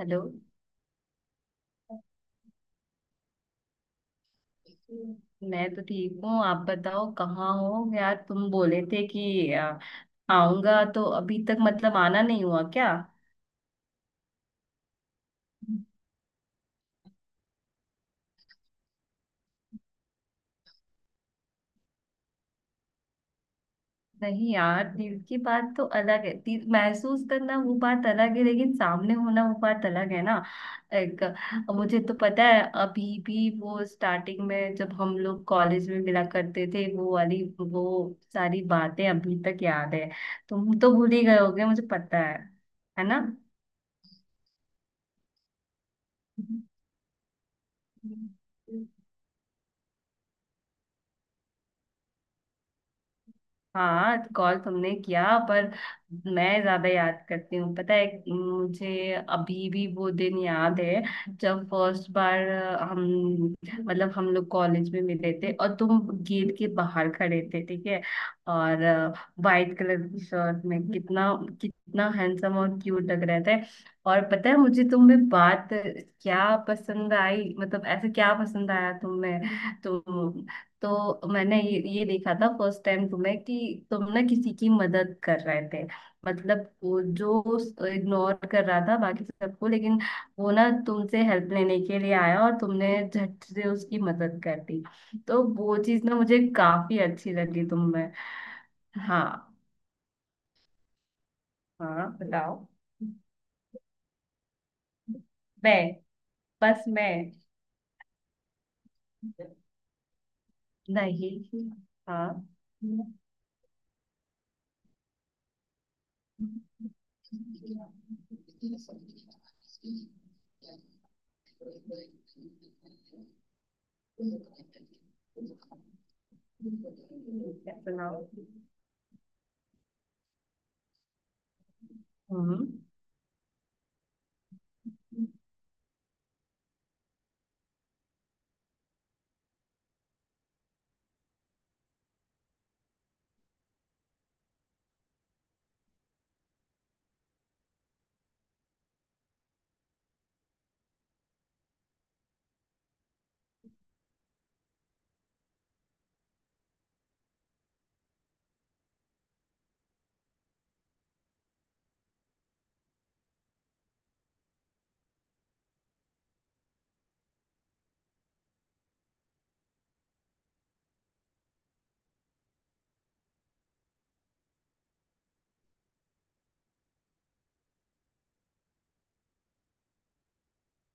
Hello. मैं तो ठीक हूँ, आप बताओ कहाँ हो यार। तुम बोले थे कि आऊंगा तो अभी तक मतलब आना नहीं हुआ क्या? नहीं यार, दिल की बात तो अलग है, दिल महसूस करना वो बात अलग है, लेकिन सामने होना वो बात अलग है ना। एक, मुझे तो पता है अभी भी वो, स्टार्टिंग में जब हम लोग कॉलेज में मिला करते थे वो वाली वो सारी बातें अभी तक याद है। तुम तो भूल ही गए होगे, मुझे पता है। है ना? हम्म। हाँ, कॉल तुमने किया, पर मैं ज्यादा याद करती हूँ। पता है मुझे अभी भी वो दिन याद है जब फर्स्ट बार हम, मतलब हम लोग कॉलेज में मिले थे और तुम गेट के बाहर खड़े थे, ठीक है, और वाइट कलर की शर्ट में कितना कितना हैंडसम और क्यूट लग रहे थे। और पता है मुझे तुम में बात क्या पसंद आई, मतलब ऐसे क्या पसंद आया तुम्हें? तो मैंने ये देखा था फर्स्ट टाइम तुम्हें कि तुम ना किसी की मदद कर रहे थे। मतलब वो जो इग्नोर कर रहा था बाकी सबको, लेकिन वो ना तुमसे हेल्प लेने के लिए आया और तुमने झट से उसकी मदद कर दी। तो वो चीज ना मुझे काफी अच्छी लगी तुम में। हाँ, हाँ बताओ। मैं? बस मैं। नहीं। हाँ। क्या? सुनाओ। हम्म।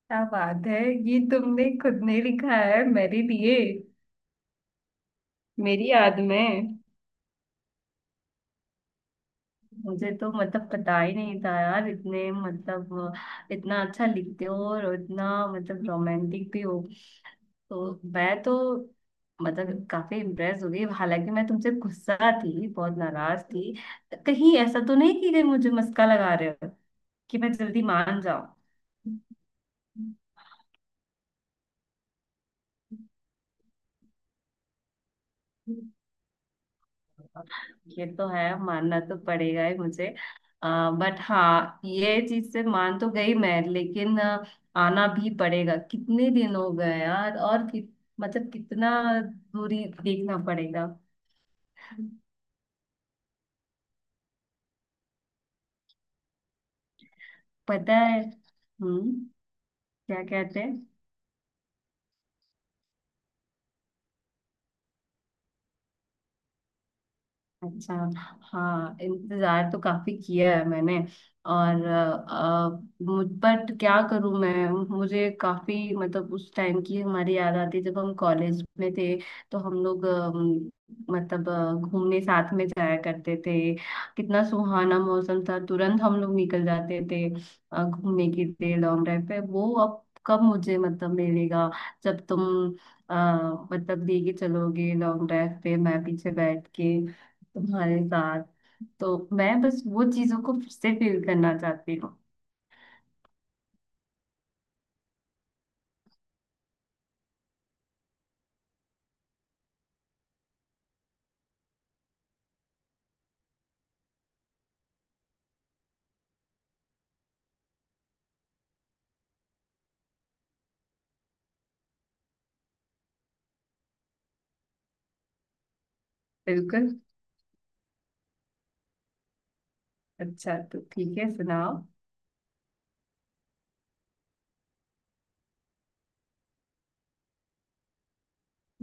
क्या बात है! ये तुमने खुद ने लिखा है मेरे लिए, मेरी याद में? मुझे तो मतलब पता ही नहीं था यार, इतने मतलब इतना अच्छा लिखते हो और इतना मतलब रोमांटिक भी हो। तो मैं तो मतलब काफी इम्प्रेस हो गई, हालांकि मैं तुमसे गुस्सा थी, बहुत नाराज थी। कहीं ऐसा तो नहीं कि कहीं मुझे मस्का लगा रहे हो कि मैं जल्दी मान जाऊं? ये तो है, मानना तो पड़ेगा ही मुझे। बट हाँ ये चीज से मान तो गई मैं, लेकिन आना भी पड़ेगा, कितने दिन हो गए यार। और मतलब कितना दूरी देखना पड़ेगा। पता है। हम्म। क्या कहते हैं? अच्छा। हाँ, इंतजार तो काफी किया है मैंने। और मुझ बट क्या करूं मैं। मुझे काफी मतलब उस टाइम की हमारी याद आती है जब हम कॉलेज में थे, तो हम लोग मतलब घूमने साथ में जाया करते थे। कितना सुहाना मौसम था, तुरंत हम लोग निकल जाते थे घूमने के लिए लॉन्ग ड्राइव पे। वो अब कब मुझे मतलब मिलेगा जब तुम अ, मतलब लेके चलोगे लॉन्ग ड्राइव पे, मैं पीछे बैठ के तुम्हारे साथ। तो मैं बस वो चीजों को फिर से फील करना चाहती हूँ। बिल्कुल। अच्छा तो ठीक है, सुनाओ।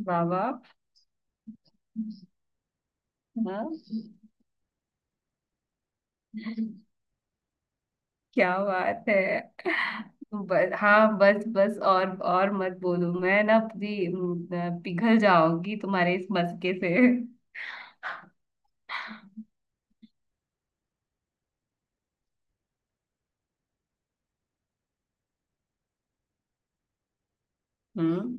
बाबा। हाँ। क्या बात है! बस, हाँ बस बस, और मत बोलो, मैं ना पूरी पिघल जाऊंगी तुम्हारे इस मस्के से। हम्म।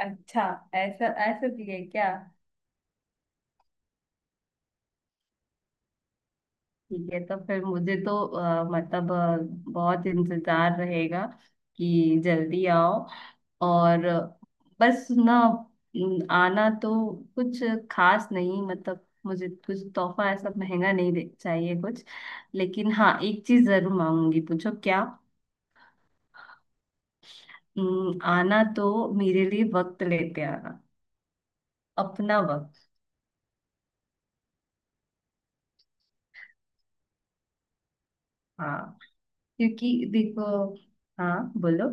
अच्छा, ऐसा ऐसा भी है क्या? ठीक है तो फिर मुझे तो मतलब बहुत इंतजार रहेगा कि जल्दी आओ। और बस ना, न- आना तो कुछ खास नहीं, मतलब मुझे कुछ तोहफा ऐसा महंगा नहीं दे चाहिए कुछ, लेकिन हाँ एक चीज जरूर मांगूंगी, पूछो क्या। न, आना तो मेरे लिए वक्त लेते आना। अपना वक्त। हाँ। क्योंकि देखो। हाँ बोलो।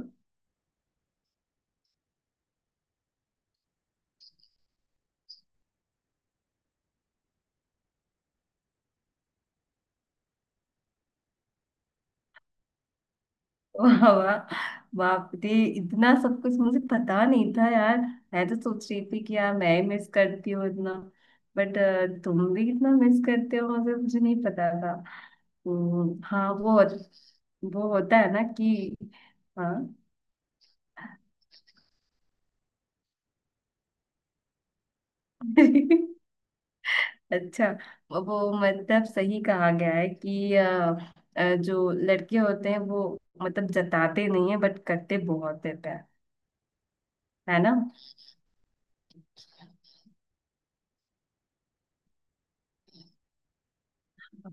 वाह वाह, बाप रे! इतना सब कुछ मुझे पता नहीं था यार। मैं तो सोच रही थी कि यार मैं ही मिस करती हूँ इतना, बट तुम भी कितना मिस करते हो मुझे, मुझे नहीं पता था। हाँ वो होता है ना कि। हाँ। अच्छा। वो मतलब सही कहा गया है कि जो लड़के होते हैं वो मतलब जताते नहीं है बट करते बहुत है प्यार। है ना?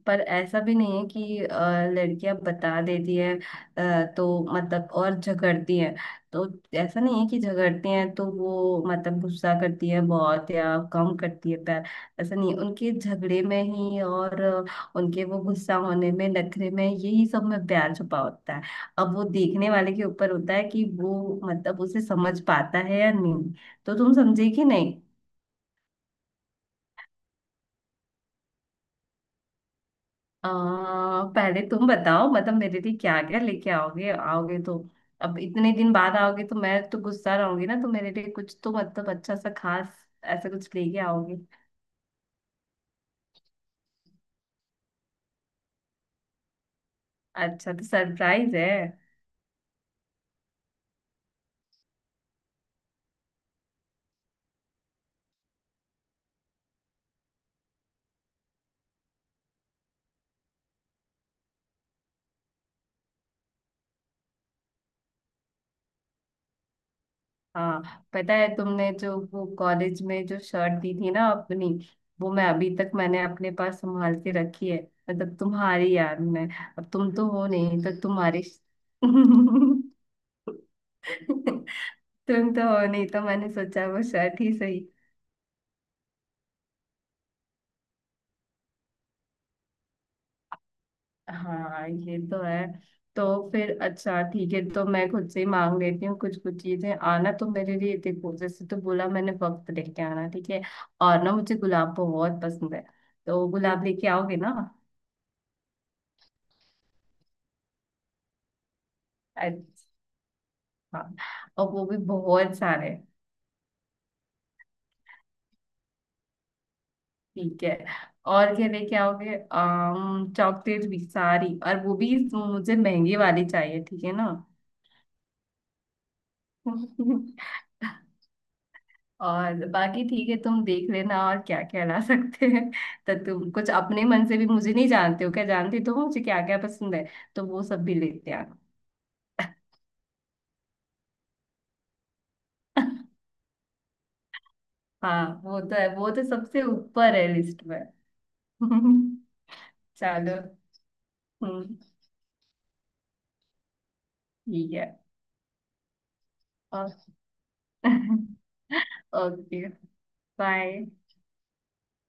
पर ऐसा भी नहीं है कि लड़कियां बता देती है, तो मतलब और झगड़ती है। तो ऐसा नहीं है कि झगड़ती हैं तो वो मतलब गुस्सा करती है बहुत या कम करती है प्यार, ऐसा नहीं है। उनके झगड़े में ही और उनके वो गुस्सा होने में, नखरे में, यही सब में प्यार छुपा होता है। अब वो देखने वाले के ऊपर होता है कि वो मतलब उसे समझ पाता है या नहीं। तो तुम समझे कि नहीं? पहले तुम बताओ मतलब मेरे लिए क्या क्या लेके आओगे। आओगे तो, अब इतने दिन बाद आओगे तो मैं तो गुस्सा रहूंगी ना, तो मेरे लिए कुछ तो मतलब अच्छा सा खास ऐसा कुछ लेके आओगे? अच्छा तो सरप्राइज है? हाँ, पता है तुमने जो वो कॉलेज में जो शर्ट दी थी ना अपनी, वो मैं अभी तक, मैंने अपने पास संभाल के रखी है, मतलब तुम्हारी याद में। अब तुम तो हो नहीं तो तुम्हारी। तुम तो हो नहीं तो मैंने सोचा वो शर्ट ही सही। हाँ ये तो है। तो फिर अच्छा ठीक है, तो मैं खुद से ही मांग लेती हूँ कुछ कुछ चीजें। आना तो मेरे लिए, देखो जैसे तो बोला मैंने वक्त लेके आना, ठीक है? और ना, मुझे गुलाब बहुत पसंद है, तो गुलाब लेके आओगे ना? अच्छा, और वो भी बहुत सारे। ठीक है। और क्या लेके आओगे, आम चॉकलेट भी सारी, और वो भी मुझे महंगी वाली चाहिए ठीक है ना? और बाकी ठीक है तुम देख लेना और क्या क्या ला सकते हैं। तो तुम कुछ अपने मन से भी, मुझे नहीं जानते हो क्या? जानती तो हो, तो मुझे क्या क्या पसंद है तो वो सब भी लेते आना। हाँ वो तो है, वो तो सबसे ऊपर है लिस्ट में। चलो। हम्म। ठीक है। और ओके। बाय।